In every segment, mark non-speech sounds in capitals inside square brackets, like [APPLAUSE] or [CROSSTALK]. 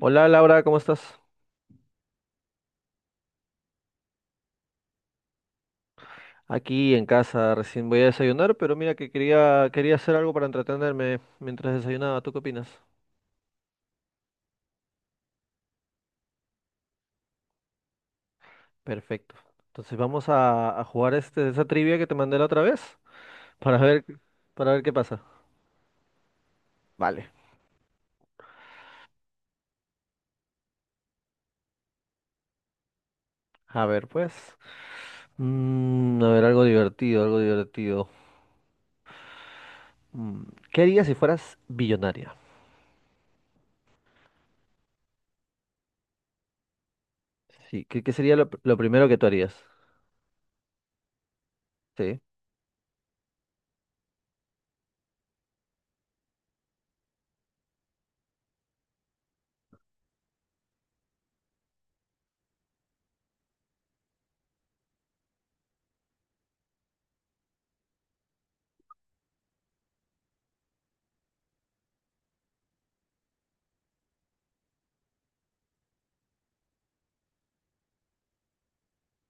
Hola Laura, ¿cómo estás? Aquí en casa, recién voy a desayunar, pero mira que quería hacer algo para entretenerme mientras desayunaba. ¿Tú qué opinas? Perfecto. Entonces vamos a jugar este, esa trivia que te mandé la otra vez [LAUGHS] para ver, para ver qué pasa. Vale. A ver, pues. A ver, algo divertido, algo divertido. Mm, ¿Qué harías si fueras billonaria? Sí, qué sería lo primero que tú harías? Sí,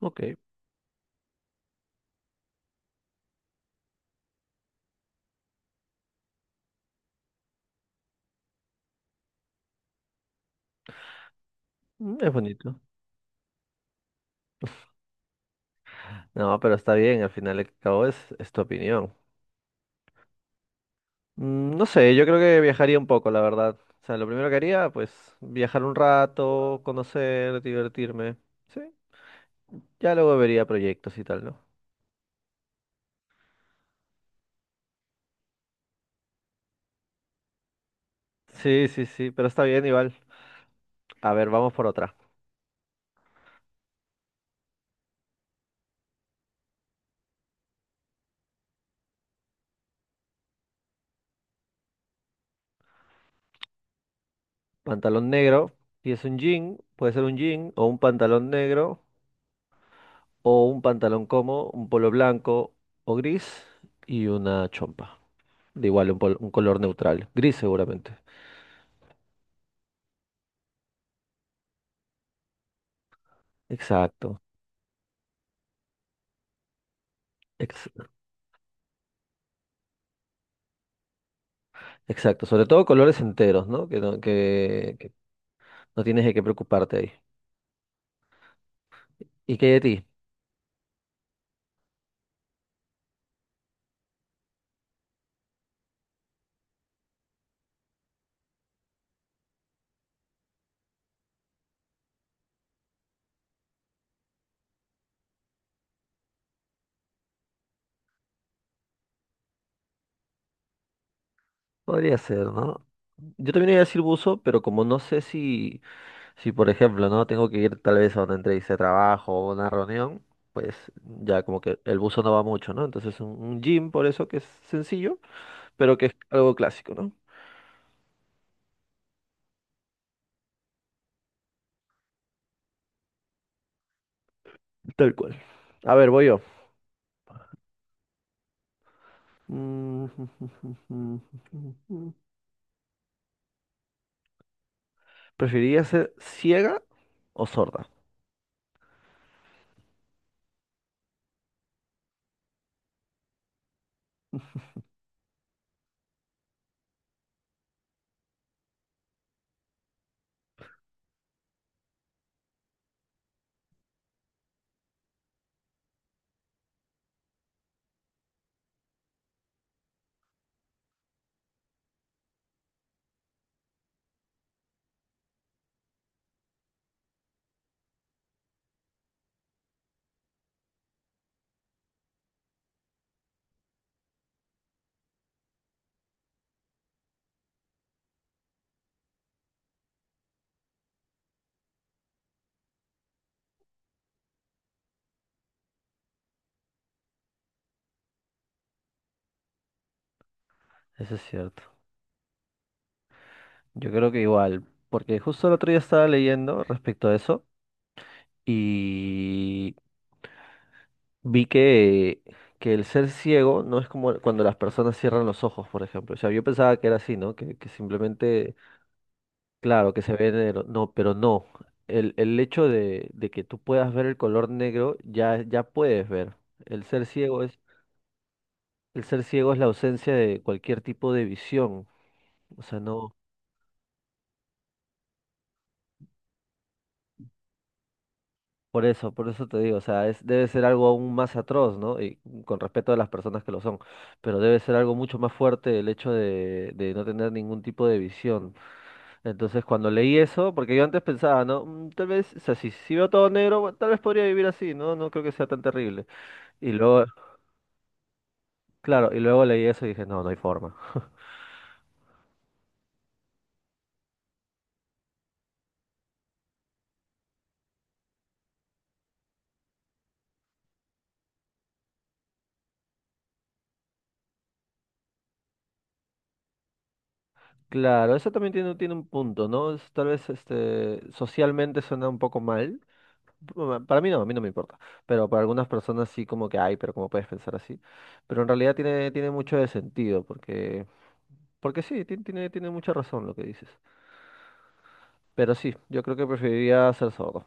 ok. Mm. Es bonito. No, pero está bien, al final y al cabo es tu opinión. No sé, yo creo que viajaría un poco, la verdad. O sea, lo primero que haría, pues viajar un rato, conocer, divertirme. Sí, ya luego vería proyectos y tal, ¿no? Sí, sí, sí, pero está bien igual. A ver, vamos por otra. Pantalón negro, si es un jean, puede ser un jean o un pantalón negro o un pantalón como, un polo blanco o gris y una chompa. De igual, un, un color neutral, gris seguramente. Exacto. ex- exacto, sobre todo colores enteros, ¿no? No tienes de qué preocuparte ahí. ¿Y qué hay de ti? Podría ser, ¿no? Yo también iba a decir buzo, pero como no sé si, si por ejemplo, ¿no? Tengo que ir tal vez a una entrevista de trabajo o una reunión, pues ya como que el buzo no va mucho, ¿no? Entonces un jean por eso que es sencillo, pero que es algo clásico, ¿no? Tal cual. A ver, voy yo. Mm. [LAUGHS] ¿Preferirías ser ciega o sorda? Eso es cierto. Yo creo que igual, porque justo el otro día estaba leyendo respecto a eso. Y vi que el ser ciego no es como cuando las personas cierran los ojos, por ejemplo. O sea, yo pensaba que era así, ¿no? Que simplemente, claro, que se ve negro. No, pero no. El hecho de que tú puedas ver el color negro, ya puedes ver. El ser ciego es, el ser ciego es la ausencia de cualquier tipo de visión. O sea, no. Por eso te digo, o sea, es, debe ser algo aún más atroz, ¿no? Y con respeto a las personas que lo son, pero debe ser algo mucho más fuerte el hecho de no tener ningún tipo de visión. Entonces, cuando leí eso, porque yo antes pensaba, ¿no? "Mm, tal vez, o sea, si veo todo negro, bueno, tal vez podría vivir así, ¿no? No creo que sea tan terrible. Y luego, claro, y luego leí eso y dije, no, no hay forma. Claro, eso también tiene un punto, ¿no? Tal vez este, socialmente suena un poco mal. Bueno, para mí no, a mí no me importa. Pero para algunas personas sí como que ay pero cómo puedes pensar así. Pero en realidad tiene mucho de sentido, porque, porque sí, tiene mucha razón lo que dices. Pero sí, yo creo que preferiría ser sordo.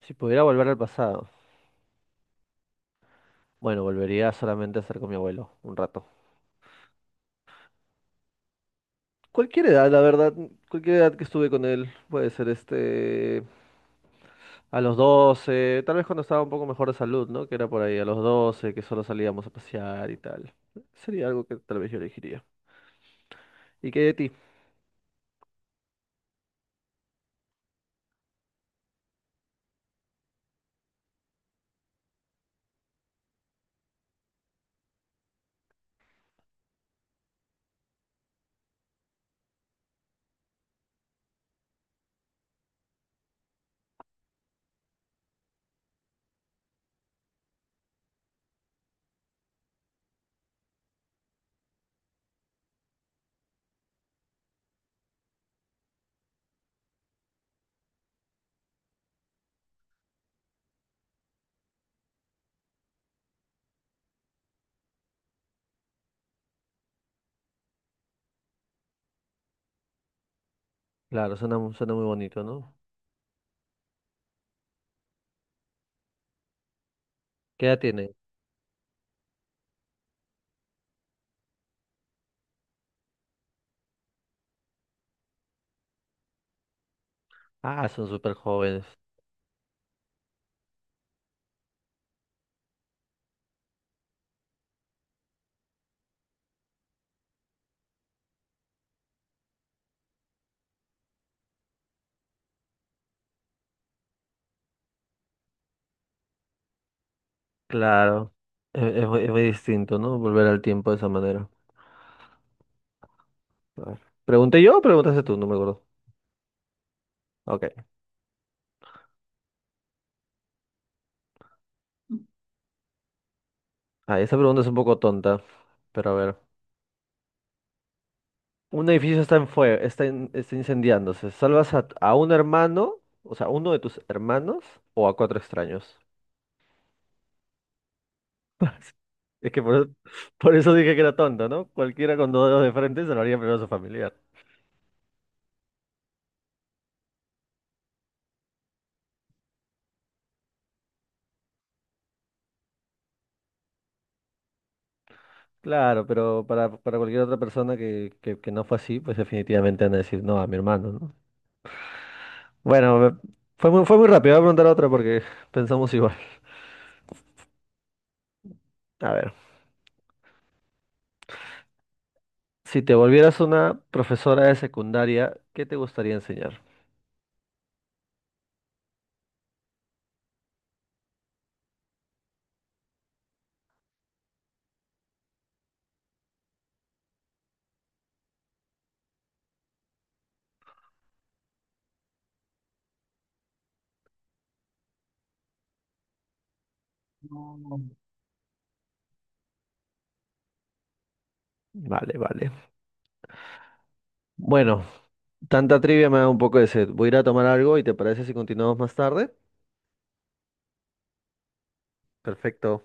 Si pudiera volver al pasado, bueno, volvería solamente a estar con mi abuelo un rato. Cualquier edad, la verdad, cualquier edad que estuve con él, puede ser este, a los 12 tal vez cuando estaba un poco mejor de salud, ¿no? Que era por ahí a los 12 que solo salíamos a pasear y tal. Sería algo que tal vez yo elegiría. ¿Y qué de ti? Claro, suena, suena muy bonito, ¿no? ¿Qué edad tienen? Ah, son súper jóvenes. Claro. Es muy distinto, ¿no? Volver al tiempo de esa manera. A ver. ¿Pregunté yo o preguntaste tú? No me acuerdo. Ok. Ah, esa pregunta es un poco tonta. Pero a ver. Un edificio está en fuego, está, está incendiándose. ¿Salvas a, a un hermano? O sea, uno de tus hermanos o a 4 extraños. [LAUGHS] Es que por eso dije que era tonta, ¿no? Cualquiera con 2 dedos de frente salvaría primero a su familiar. Claro, pero para cualquier otra persona que no fue así, pues definitivamente van a decir no a mi hermano, ¿no? Bueno, fue muy rápido, voy a preguntar otra porque [LAUGHS] pensamos igual. A ver, si te volvieras una profesora de secundaria, ¿qué te gustaría enseñar? No. Vale, vale. Bueno, tanta trivia me da un poco de sed. Voy a ir a tomar algo y ¿te parece si continuamos más tarde? Perfecto.